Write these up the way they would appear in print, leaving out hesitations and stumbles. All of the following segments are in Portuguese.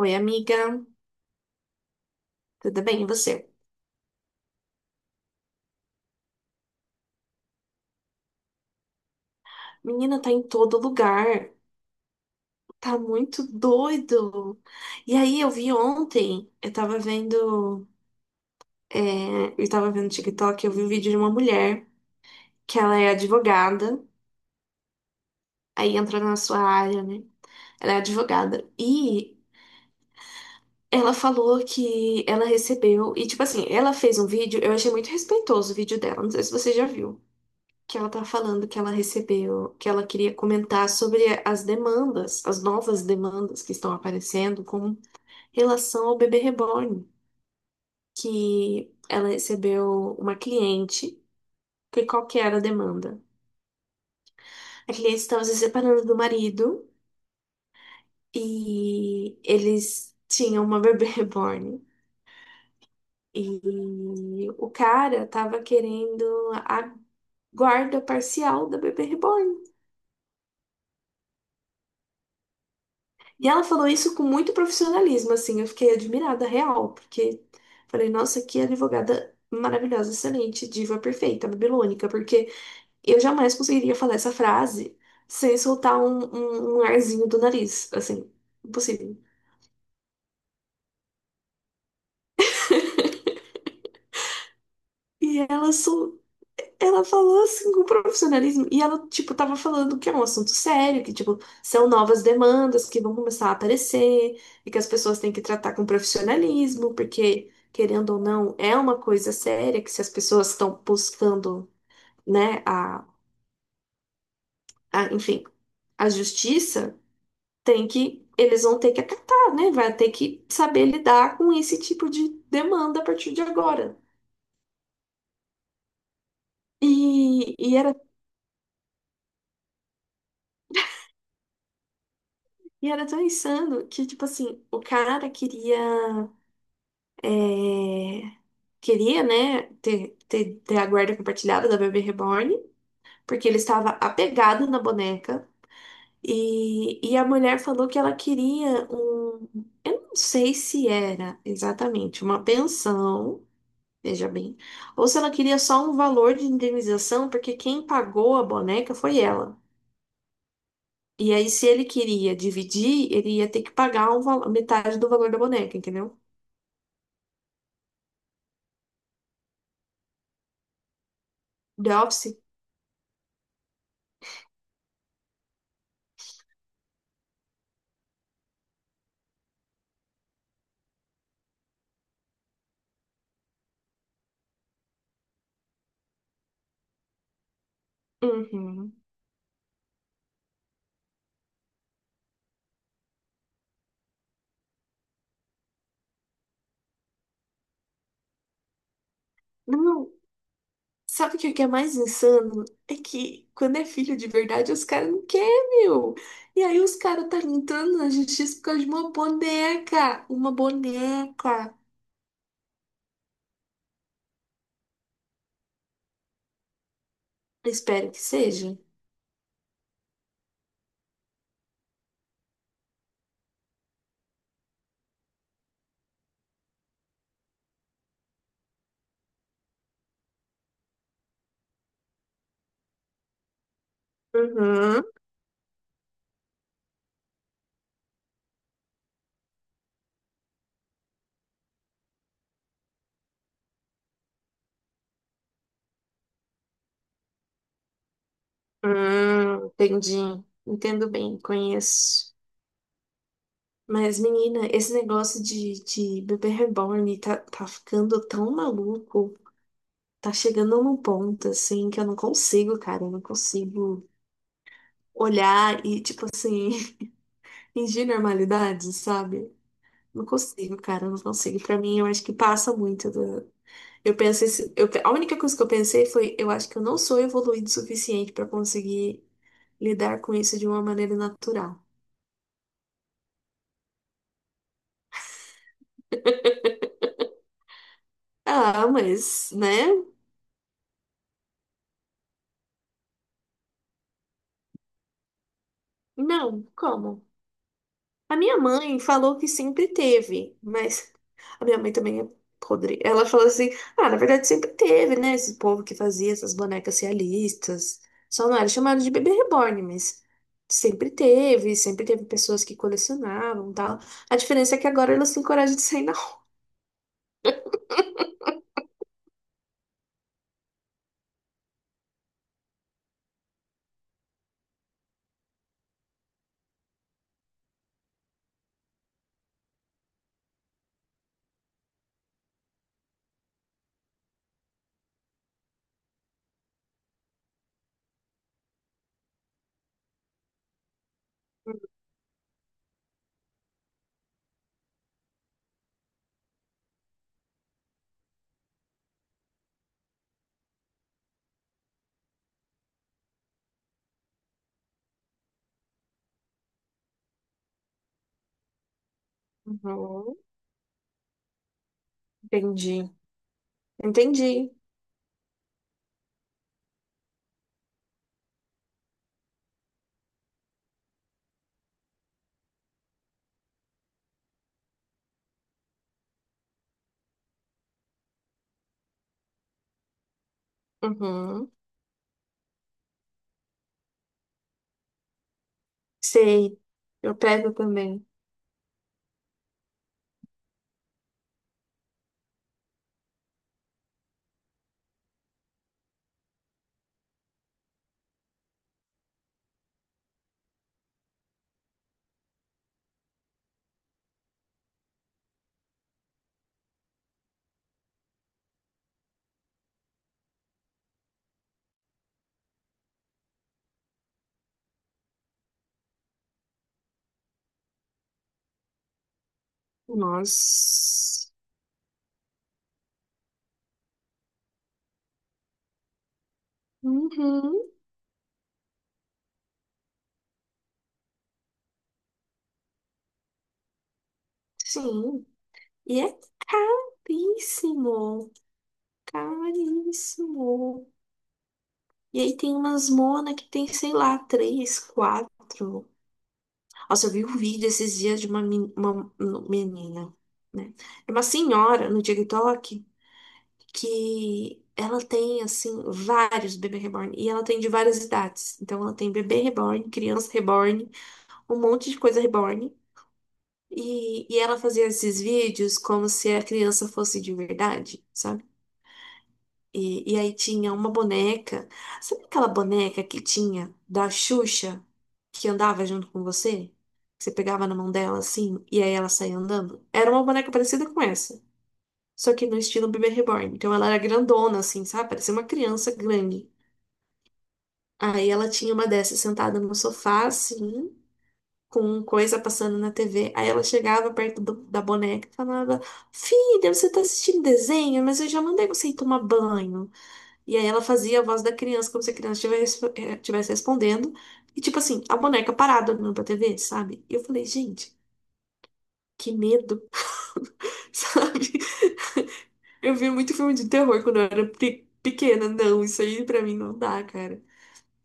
Oi, amiga. Tudo bem? E você? Menina, tá em todo lugar. Tá muito doido. E aí, eu vi ontem, eu tava vendo, é, eu tava vendo TikTok, eu vi um vídeo de uma mulher que ela é advogada, aí entra na sua área, né? Ela é advogada. E ela falou que ela recebeu, e tipo assim, ela fez um vídeo, eu achei muito respeitoso o vídeo dela, não sei se você já viu. Que ela tá falando que ela recebeu, que ela queria comentar sobre as demandas, as novas demandas que estão aparecendo com relação ao bebê reborn, que ela recebeu uma cliente, que qual que era a demanda? A cliente estava se separando do marido e eles tinham uma bebê reborn. E o cara tava querendo a guarda parcial da bebê reborn. E ela falou isso com muito profissionalismo, assim, eu fiquei admirada, real, porque falei, nossa, que advogada maravilhosa, excelente, diva perfeita, babilônica, porque eu jamais conseguiria falar essa frase sem soltar um arzinho do nariz, assim, impossível. E ela sol Ela falou assim com profissionalismo e ela, tipo, tava falando que é um assunto sério, que, tipo, são novas demandas que vão começar a aparecer e que as pessoas têm que tratar com profissionalismo, porque, querendo ou não, é uma coisa séria que se as pessoas estão buscando, né, enfim, a justiça, tem que, eles vão ter que acatar, né? Vai ter que saber lidar com esse tipo de demanda a partir de agora. E, e era E era tão insano que, tipo assim, o cara queria, é, queria, né, ter a guarda compartilhada da bebê reborn, porque ele estava apegado na boneca. E a mulher falou que ela queria um. Eu não sei se era exatamente uma pensão, veja bem, ou se ela queria só um valor de indenização, porque quem pagou a boneca foi ela. E aí, se ele queria dividir, ele ia ter que pagar um metade do valor da boneca, entendeu? The Office? Uhum. Não, sabe o que que é mais insano? É que quando é filho de verdade, os caras não querem, meu. E aí os caras tá entrando na justiça por causa de uma boneca. Uma boneca. Espero que seja. Uhum. Entendi. Entendo bem, conheço. Mas, menina, esse negócio de bebê reborn tá ficando tão maluco. Tá chegando num ponto, assim, que eu não consigo, cara. Eu não consigo olhar e, tipo assim, fingir normalidade, sabe? Não consigo, cara, não consigo. Pra mim, eu acho que passa muito do... Eu pensei, a única coisa que eu pensei foi, eu acho que eu não sou evoluído o suficiente pra conseguir lidar com isso de uma maneira natural. Ah, mas, né? Não, como? A minha mãe falou que sempre teve, mas a minha mãe também é podre. Ela falou assim: ah, na verdade sempre teve, né? Esse povo que fazia essas bonecas realistas. Só não era chamado de bebê reborn, mas sempre teve pessoas que colecionavam e tal. A diferença é que agora elas têm coragem de sair na rua. Uhum. Entendi. Entendi. Uhum. Sei. Eu pego também. Nossa. Uhum. Sim. E é caríssimo, caríssimo. E aí tem umas mona que tem, sei lá, três, quatro. Nossa, eu vi um vídeo esses dias de uma, uma menina, né? É uma senhora no TikTok que ela tem, assim, vários bebê reborn. E ela tem de várias idades. Então ela tem bebê reborn, criança reborn, um monte de coisa reborn. E ela fazia esses vídeos como se a criança fosse de verdade, sabe? E aí tinha uma boneca. Sabe aquela boneca que tinha da Xuxa que andava junto com você? Que você pegava na mão dela assim e aí ela saía andando? Era uma boneca parecida com essa, só que no estilo bebê reborn. Então ela era grandona assim, sabe? Parecia uma criança grande. Aí ela tinha uma dessas sentada no sofá assim, com coisa passando na TV. Aí ela chegava perto da boneca e falava: Filha, você tá assistindo desenho, mas eu já mandei você ir tomar banho. E aí ela fazia a voz da criança, como se a criança estivesse estivesse respondendo. E tipo assim, a boneca parada olhando pra TV, sabe? E eu falei, gente, que medo, sabe? Eu vi muito filme de terror quando eu era pequena. Não, isso aí pra mim não dá, cara.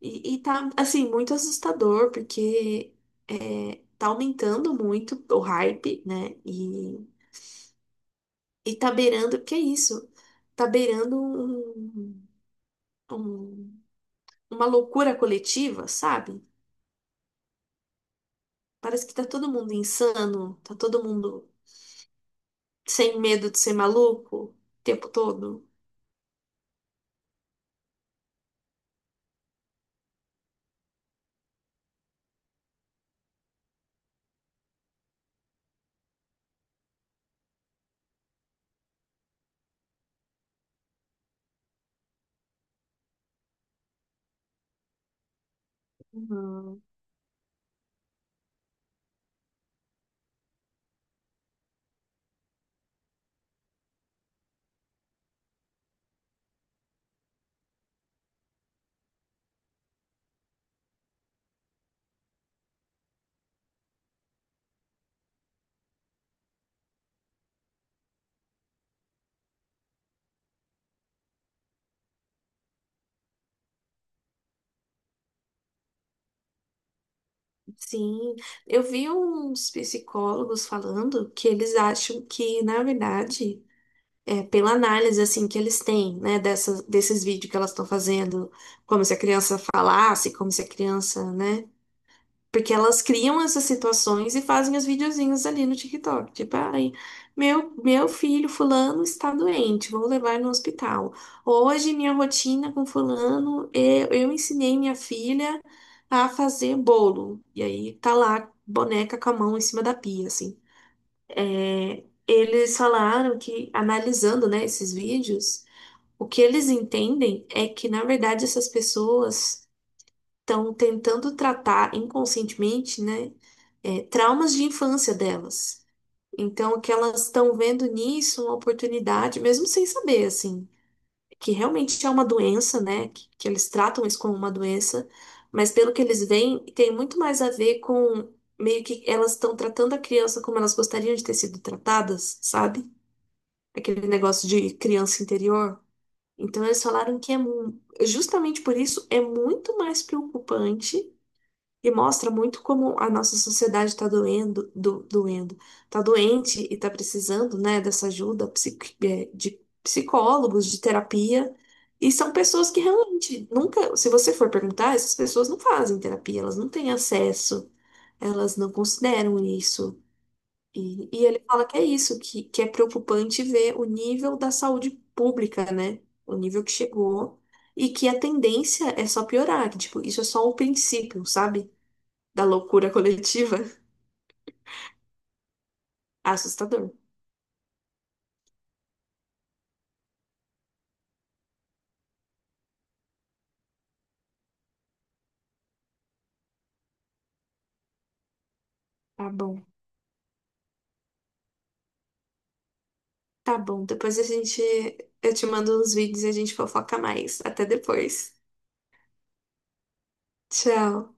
E tá, assim, muito assustador, porque tá aumentando muito o hype, né? E tá beirando, que é isso? Tá beirando um, um- uma loucura coletiva, sabe? Parece que tá todo mundo insano, tá todo mundo sem medo de ser maluco o tempo todo. Uhum. Sim, eu vi uns psicólogos falando que eles acham que, na verdade, é pela análise assim que eles têm, né, desses vídeos que elas estão fazendo, como se a criança falasse, como se a criança, né? Porque elas criam essas situações e fazem os videozinhos ali no TikTok. Tipo, ai, meu filho fulano está doente, vou levar no hospital. Hoje, minha rotina com fulano, eu ensinei minha filha a fazer bolo. E aí tá lá, boneca com a mão em cima da pia, assim. É, eles falaram que, analisando, né, esses vídeos, o que eles entendem é que, na verdade, essas pessoas estão tentando tratar inconscientemente, né, traumas de infância delas. Então, o que elas estão vendo nisso, é uma oportunidade, mesmo sem saber, assim, que realmente é uma doença, né, que eles tratam isso como uma doença, mas pelo que eles veem, tem muito mais a ver com meio que elas estão tratando a criança como elas gostariam de ter sido tratadas, sabe? Aquele negócio de criança interior. Então, eles falaram que é justamente por isso é muito mais preocupante e mostra muito como a nossa sociedade está doendo, está doente e está precisando, né, dessa ajuda de psicólogos, de terapia. E são pessoas que realmente nunca, se você for perguntar, essas pessoas não fazem terapia, elas não têm acesso, elas não consideram isso. E ele fala que é isso, que é preocupante ver o nível da saúde pública, né? O nível que chegou e que a tendência é só piorar, que, tipo, isso é só o princípio, sabe? Da loucura coletiva, assustador. Tá bom. Tá bom, depois a gente. Eu te mando uns vídeos e a gente fofoca mais. Até depois. Tchau.